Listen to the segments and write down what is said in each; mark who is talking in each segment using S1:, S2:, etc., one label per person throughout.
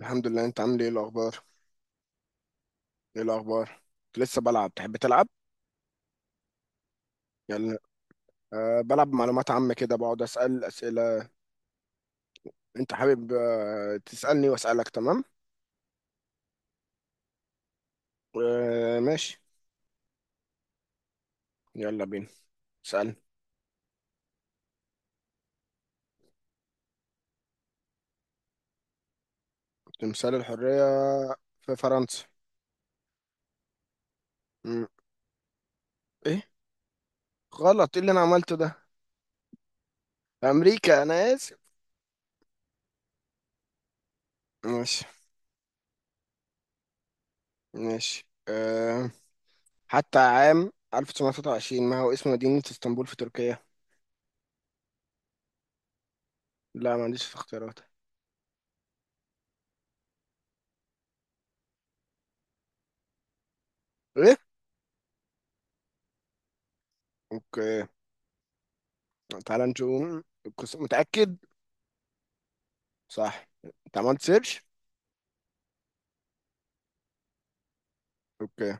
S1: الحمد لله. انت عامل ايه الاخبار؟ ايه الاخبار؟ لسه بلعب، تحب تلعب؟ يلا. أه بلعب معلومات عامة كده، بقعد اسال اسئلة. انت حابب تسالني واسالك، تمام؟ أه ماشي. يلا بينا، اسال. تمثال الحرية في فرنسا. مم. ايه؟ غلط، ايه اللي انا عملته ده؟ امريكا، انا اسف. ماشي. ماشي حتى عام 1923، ما هو اسم مدينة اسطنبول في تركيا؟ لا، ما عنديش اختيارات. ايه؟ اوكي، تعال نشوف متأكد؟ صح. انت عملت سيرش؟ اوكي.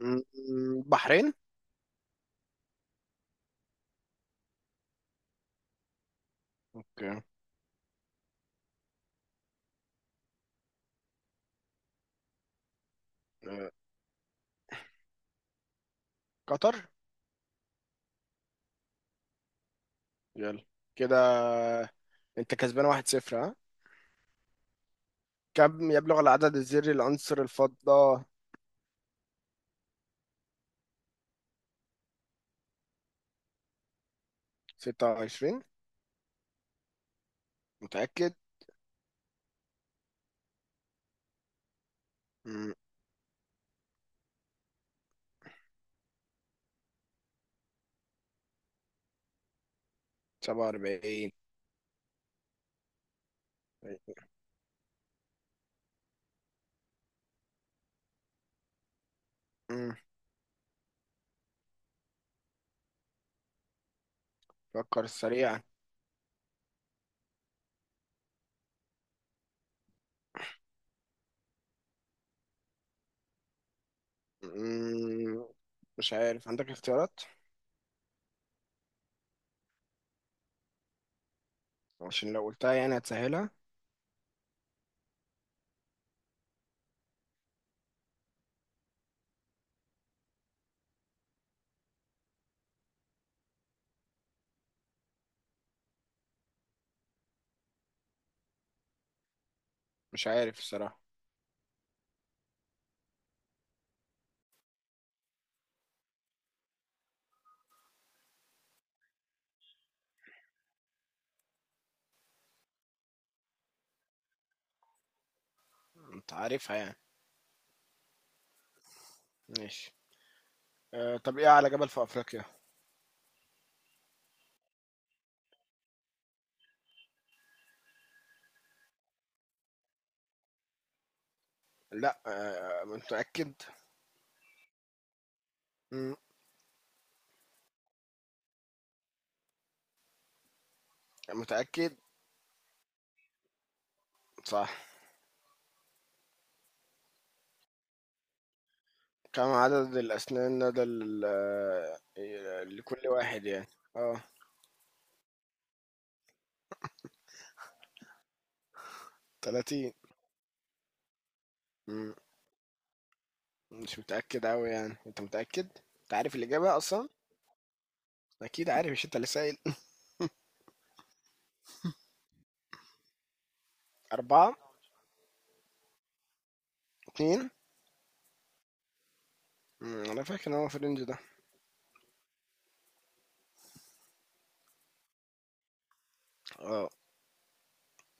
S1: م- م- بحرين. اوكي. آه، قطر. يلا كده. انت كسبان 1-0، ها. كم يبلغ العدد الذري لعنصر الفضة؟ 26؟ متأكد؟ م، 47. م، فكر سريعا. م، مش عارف، عندك اختيارات؟ عشان لو قلتها يعني هتسهلها. مش عارف الصراحة. انت عارفها يعني؟ ماشي. طب ايه اعلى جبل في افريقيا؟ لأ، متأكد؟ إمم، متأكد؟ صح. كم عدد الأسنان لدى ال لكل واحد يعني؟ آه، 30. إمم، مش متأكد أوي يعني، أنت متأكد؟ أنت عارف الإجابة أصلًا؟ أكيد عارف، مش أنت اللي سائل؟ 4، 2. أنا فاكر إن هو في الrange ده. آه،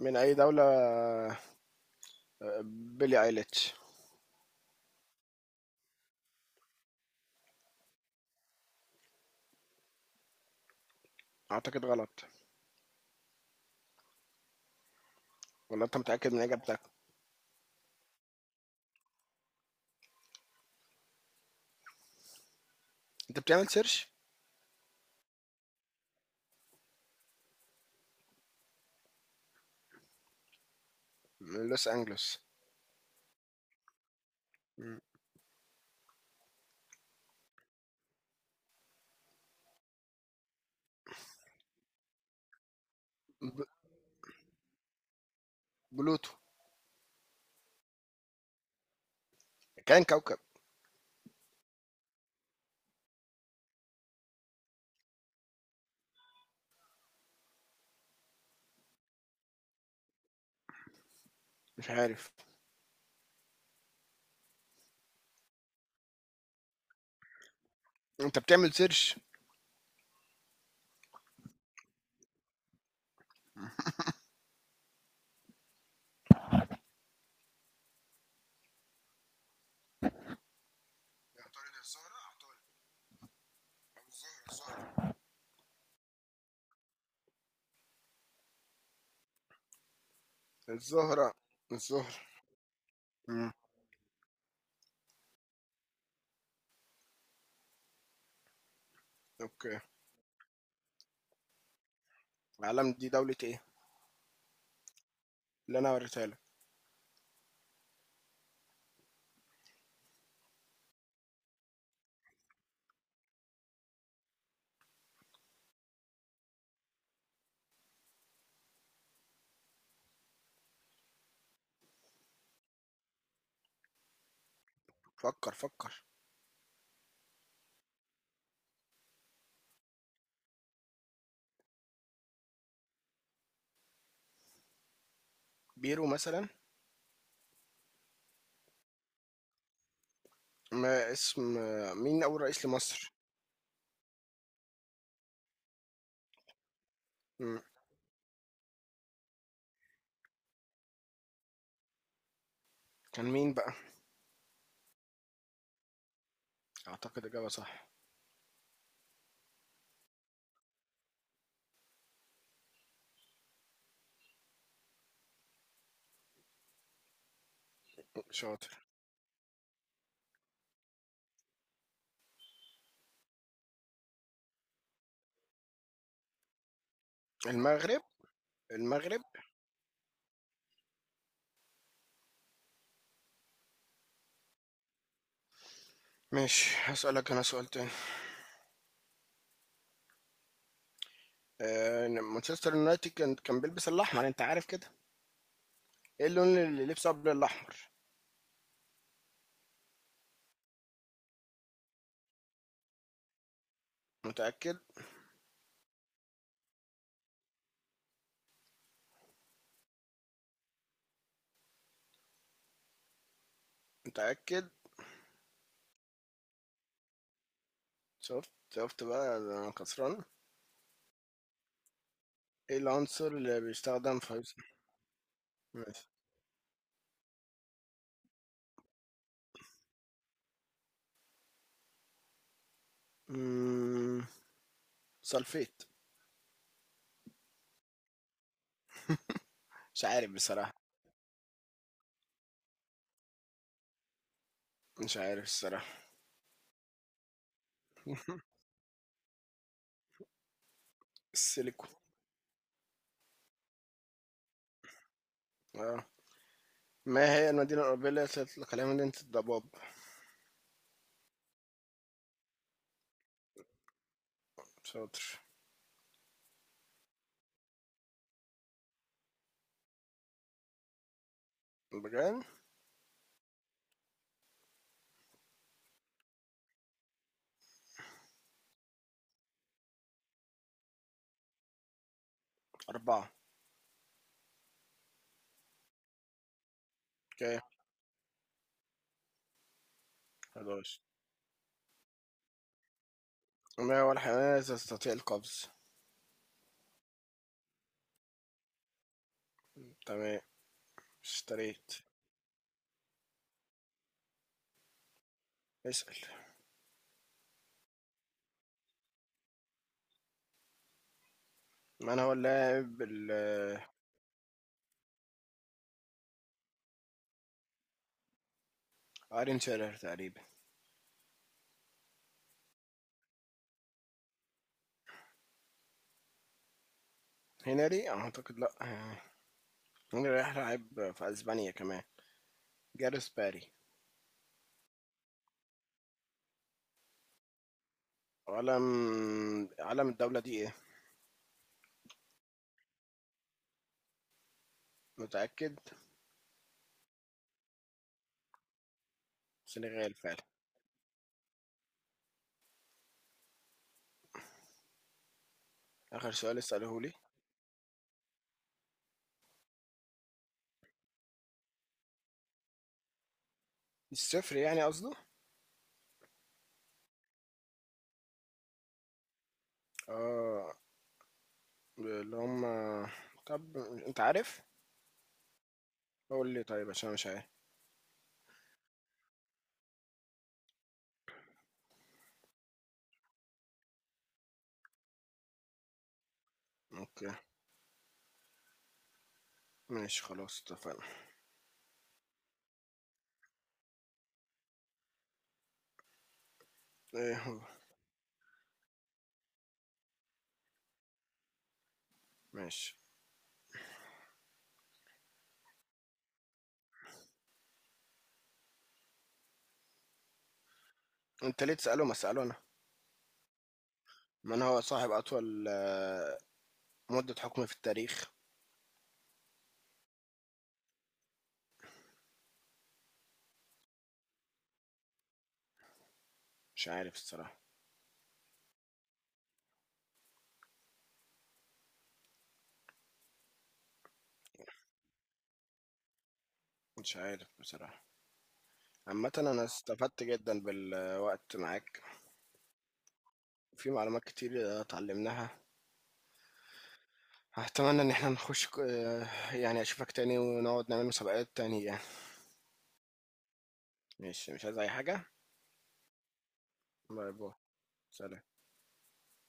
S1: من أي دولة آه، بيلي أيليتش؟ أعتقد غلط، والّا أنت متأكد من إجابتك؟ أنت بتعمل search؟ من لوس أنجلوس. إمم. ب بلوتو. كان كوكب. مش عارف. انت بتعمل سيرش؟ الزهرة. الزهرة. امم. اوكي. العلم دي دولة ايه اللي انا وريتها لك؟ فكر فكر. بيرو مثلا. ما اسم مين اول رئيس لمصر؟ امم. كان مين بقى؟ اعتقد اجابة صح. شاطر. المغرب. المغرب. ماشي، هسألك انا سؤال تاني. مانشستر يونايتد كان بيلبس الاحمر، انت عارف كده. ايه اللون اللي لبسه قبل الاحمر؟ متأكد؟ متأكد؟ شفت شفت بقى، أنا كسران. ايه العنصر اللي بيستخدم في؟ ماشي. امم. سلفيت. مش عارف بصراحة. مش عارف الصراحة. السيليكون. اه. ما هي المدينة الأوروبية التي يطلق عليها مدينة الضباب؟ شاطر. بجان. 4. اوكي. 11. ما هو الحيوان الذي يستطيع القفز؟ تمام. اشتريت. اسأل. من هو اللاعب ال ايرين شيرر تقريبا. هنري أعتقد لأ. هنري راح لعب في أسبانيا كمان. جاريث باري. علم علم الدولة دي ايه؟ متأكد؟ سنغال فعلا. آخر سؤال اسأله لي. الصفر يعني قصده. اه. اللي هم. طب انت عارف؟ قول لي طيب عشان أنا مش عارف. اوكي. ماشي خلاص، اتفقنا. ايه هو؟ ماشي. انت ليه تسأله، ما اسأله انا. من هو صاحب اطول مدة حكم في التاريخ؟ مش عارف الصراحة. مش عارف بصراحة. عامة انا استفدت جدا بالوقت معاك. في معلومات كتير اتعلمناها. اتمنى ان احنا نخش ك- يعني اشوفك تاني ونقعد نعمل مسابقات تانية. ماشي، مش عايز أي حاجة. باي باي. سلام.